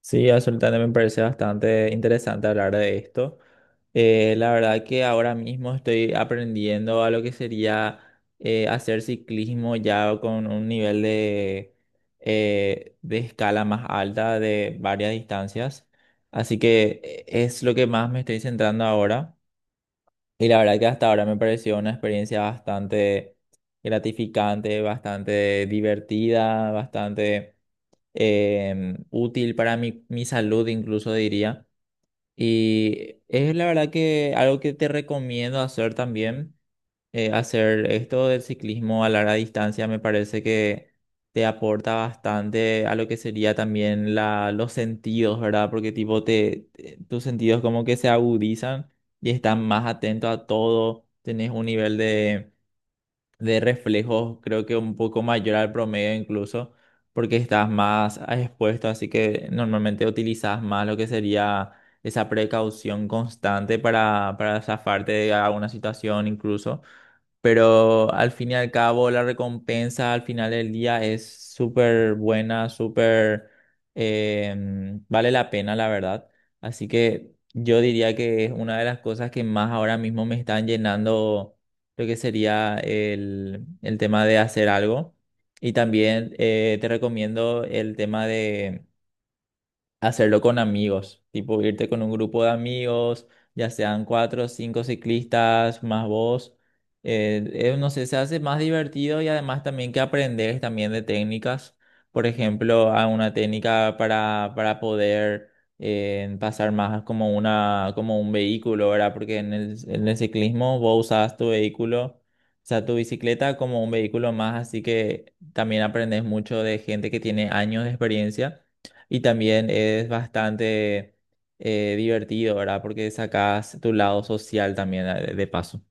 Sí, absolutamente me parece bastante interesante hablar de esto. La verdad que ahora mismo estoy aprendiendo a lo que sería hacer ciclismo ya con un nivel de escala más alta de varias distancias. Así que es lo que más me estoy centrando ahora. Y la verdad que hasta ahora me pareció una experiencia bastante gratificante, bastante divertida, bastante útil para mi salud, incluso diría. Y es la verdad que algo que te recomiendo hacer también, hacer esto del ciclismo a larga distancia me parece que te aporta bastante a lo que sería también los sentidos, ¿verdad? Porque tipo tus sentidos como que se agudizan y están más atentos a todo, tenés un nivel de reflejos, creo que un poco mayor al promedio incluso, porque estás más expuesto, así que normalmente utilizas más lo que sería esa precaución constante para zafarte de alguna situación incluso. Pero al fin y al cabo, la recompensa al final del día es súper buena, súper... vale la pena, la verdad. Así que yo diría que es una de las cosas que más ahora mismo me están llenando lo que sería el tema de hacer algo. Y también te recomiendo el tema de hacerlo con amigos, tipo irte con un grupo de amigos, ya sean cuatro o cinco ciclistas, más vos. No sé, se hace más divertido y además también que aprendes también de técnicas. Por ejemplo, a una técnica para poder pasar más como una, como un vehículo, ¿verdad? Porque en en el ciclismo vos usas tu vehículo. O sea, tu bicicleta como un vehículo más, así que también aprendes mucho de gente que tiene años de experiencia y también es bastante divertido, ¿verdad? Porque sacas tu lado social también de paso.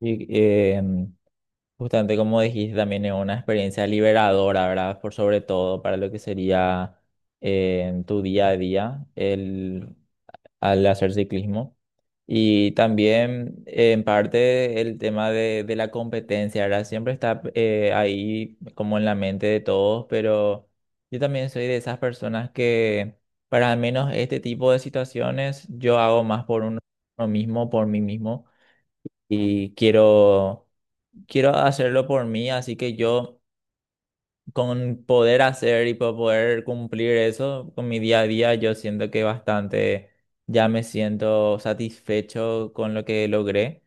Y justamente como dijiste, también es una experiencia liberadora, ¿verdad? Por sobre todo para lo que sería tu día a día al hacer ciclismo. Y también, en parte, el tema de la competencia, ¿verdad? Siempre está ahí como en la mente de todos, pero yo también soy de esas personas que, para al menos este tipo de situaciones, yo hago más por uno mismo, por mí mismo, y quiero, quiero hacerlo por mí, así que yo, con poder hacer y poder cumplir eso con mi día a día, yo siento que bastante ya me siento satisfecho con lo que logré.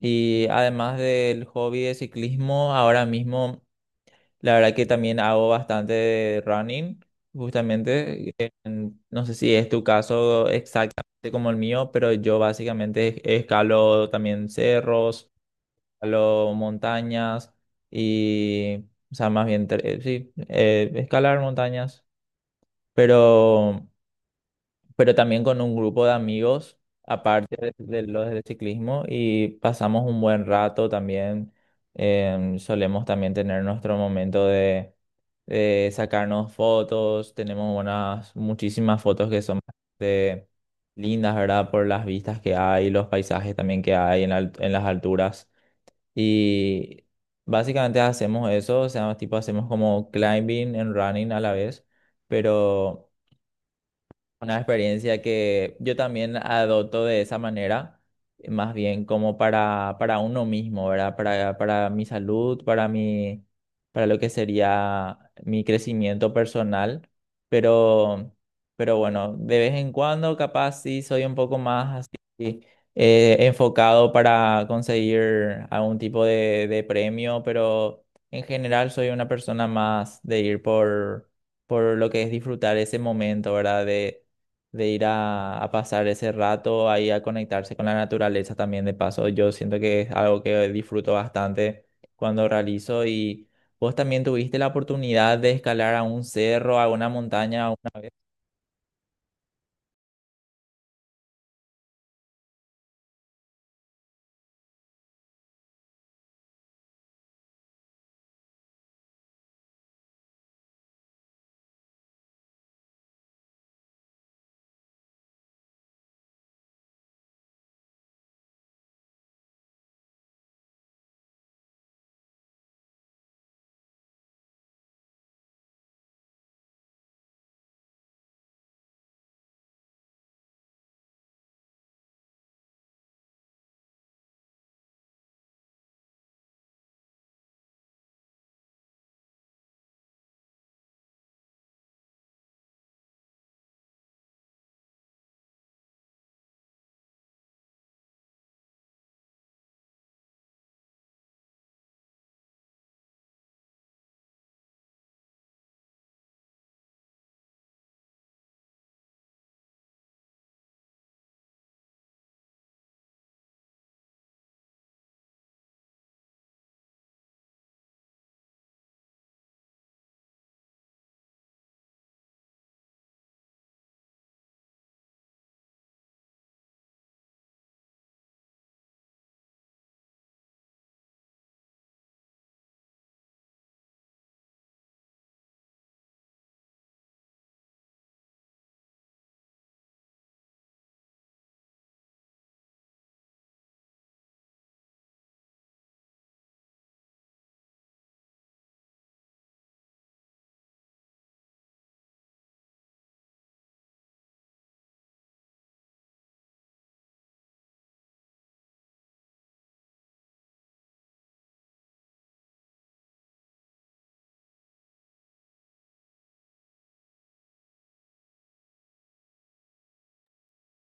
Y además del hobby de ciclismo, ahora mismo la verdad que también hago bastante running, justamente. No sé si es tu caso exactamente como el mío, pero yo básicamente escalo también cerros, escalo montañas y, o sea, más bien, escalar montañas, pero también con un grupo de amigos, aparte de los del ciclismo, y pasamos un buen rato también. Solemos también tener nuestro momento de sacarnos fotos, tenemos unas muchísimas fotos que son bastante lindas, ¿verdad? Por las vistas que hay, los paisajes también que hay en, en las alturas. Y básicamente hacemos eso, o sea, tipo hacemos como climbing and running a la vez, pero... Una experiencia que yo también adopto de esa manera, más bien como para uno mismo, ¿verdad? Para mi salud, para mi, para lo que sería mi crecimiento personal. Pero, pero bueno, de vez en cuando capaz sí soy un poco más así enfocado para conseguir algún tipo de premio, pero en general soy una persona más de ir por lo que es disfrutar ese momento, ¿verdad? De ir a pasar ese rato ahí a conectarse con la naturaleza también de paso. Yo siento que es algo que disfruto bastante cuando realizo y vos también tuviste la oportunidad de escalar a un cerro, a una montaña una vez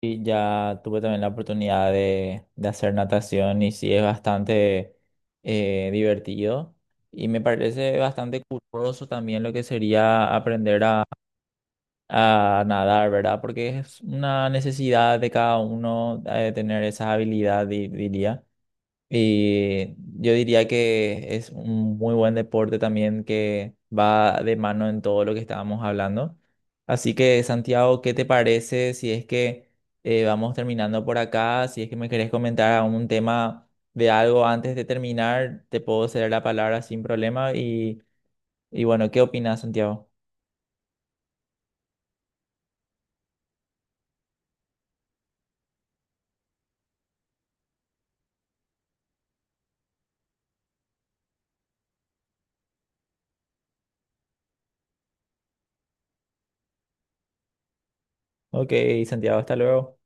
y ya tuve también la oportunidad de hacer natación y sí es bastante divertido. Y me parece bastante curioso también lo que sería aprender a nadar, ¿verdad? Porque es una necesidad de cada uno tener esa habilidad, diría. Y yo diría que es un muy buen deporte también que va de mano en todo lo que estábamos hablando. Así que, Santiago, ¿qué te parece si es que vamos terminando por acá? Si es que me querés comentar algún tema de algo antes de terminar, te puedo ceder la palabra sin problema. Y bueno, ¿qué opinas, Santiago? Ok, Santiago, hasta luego.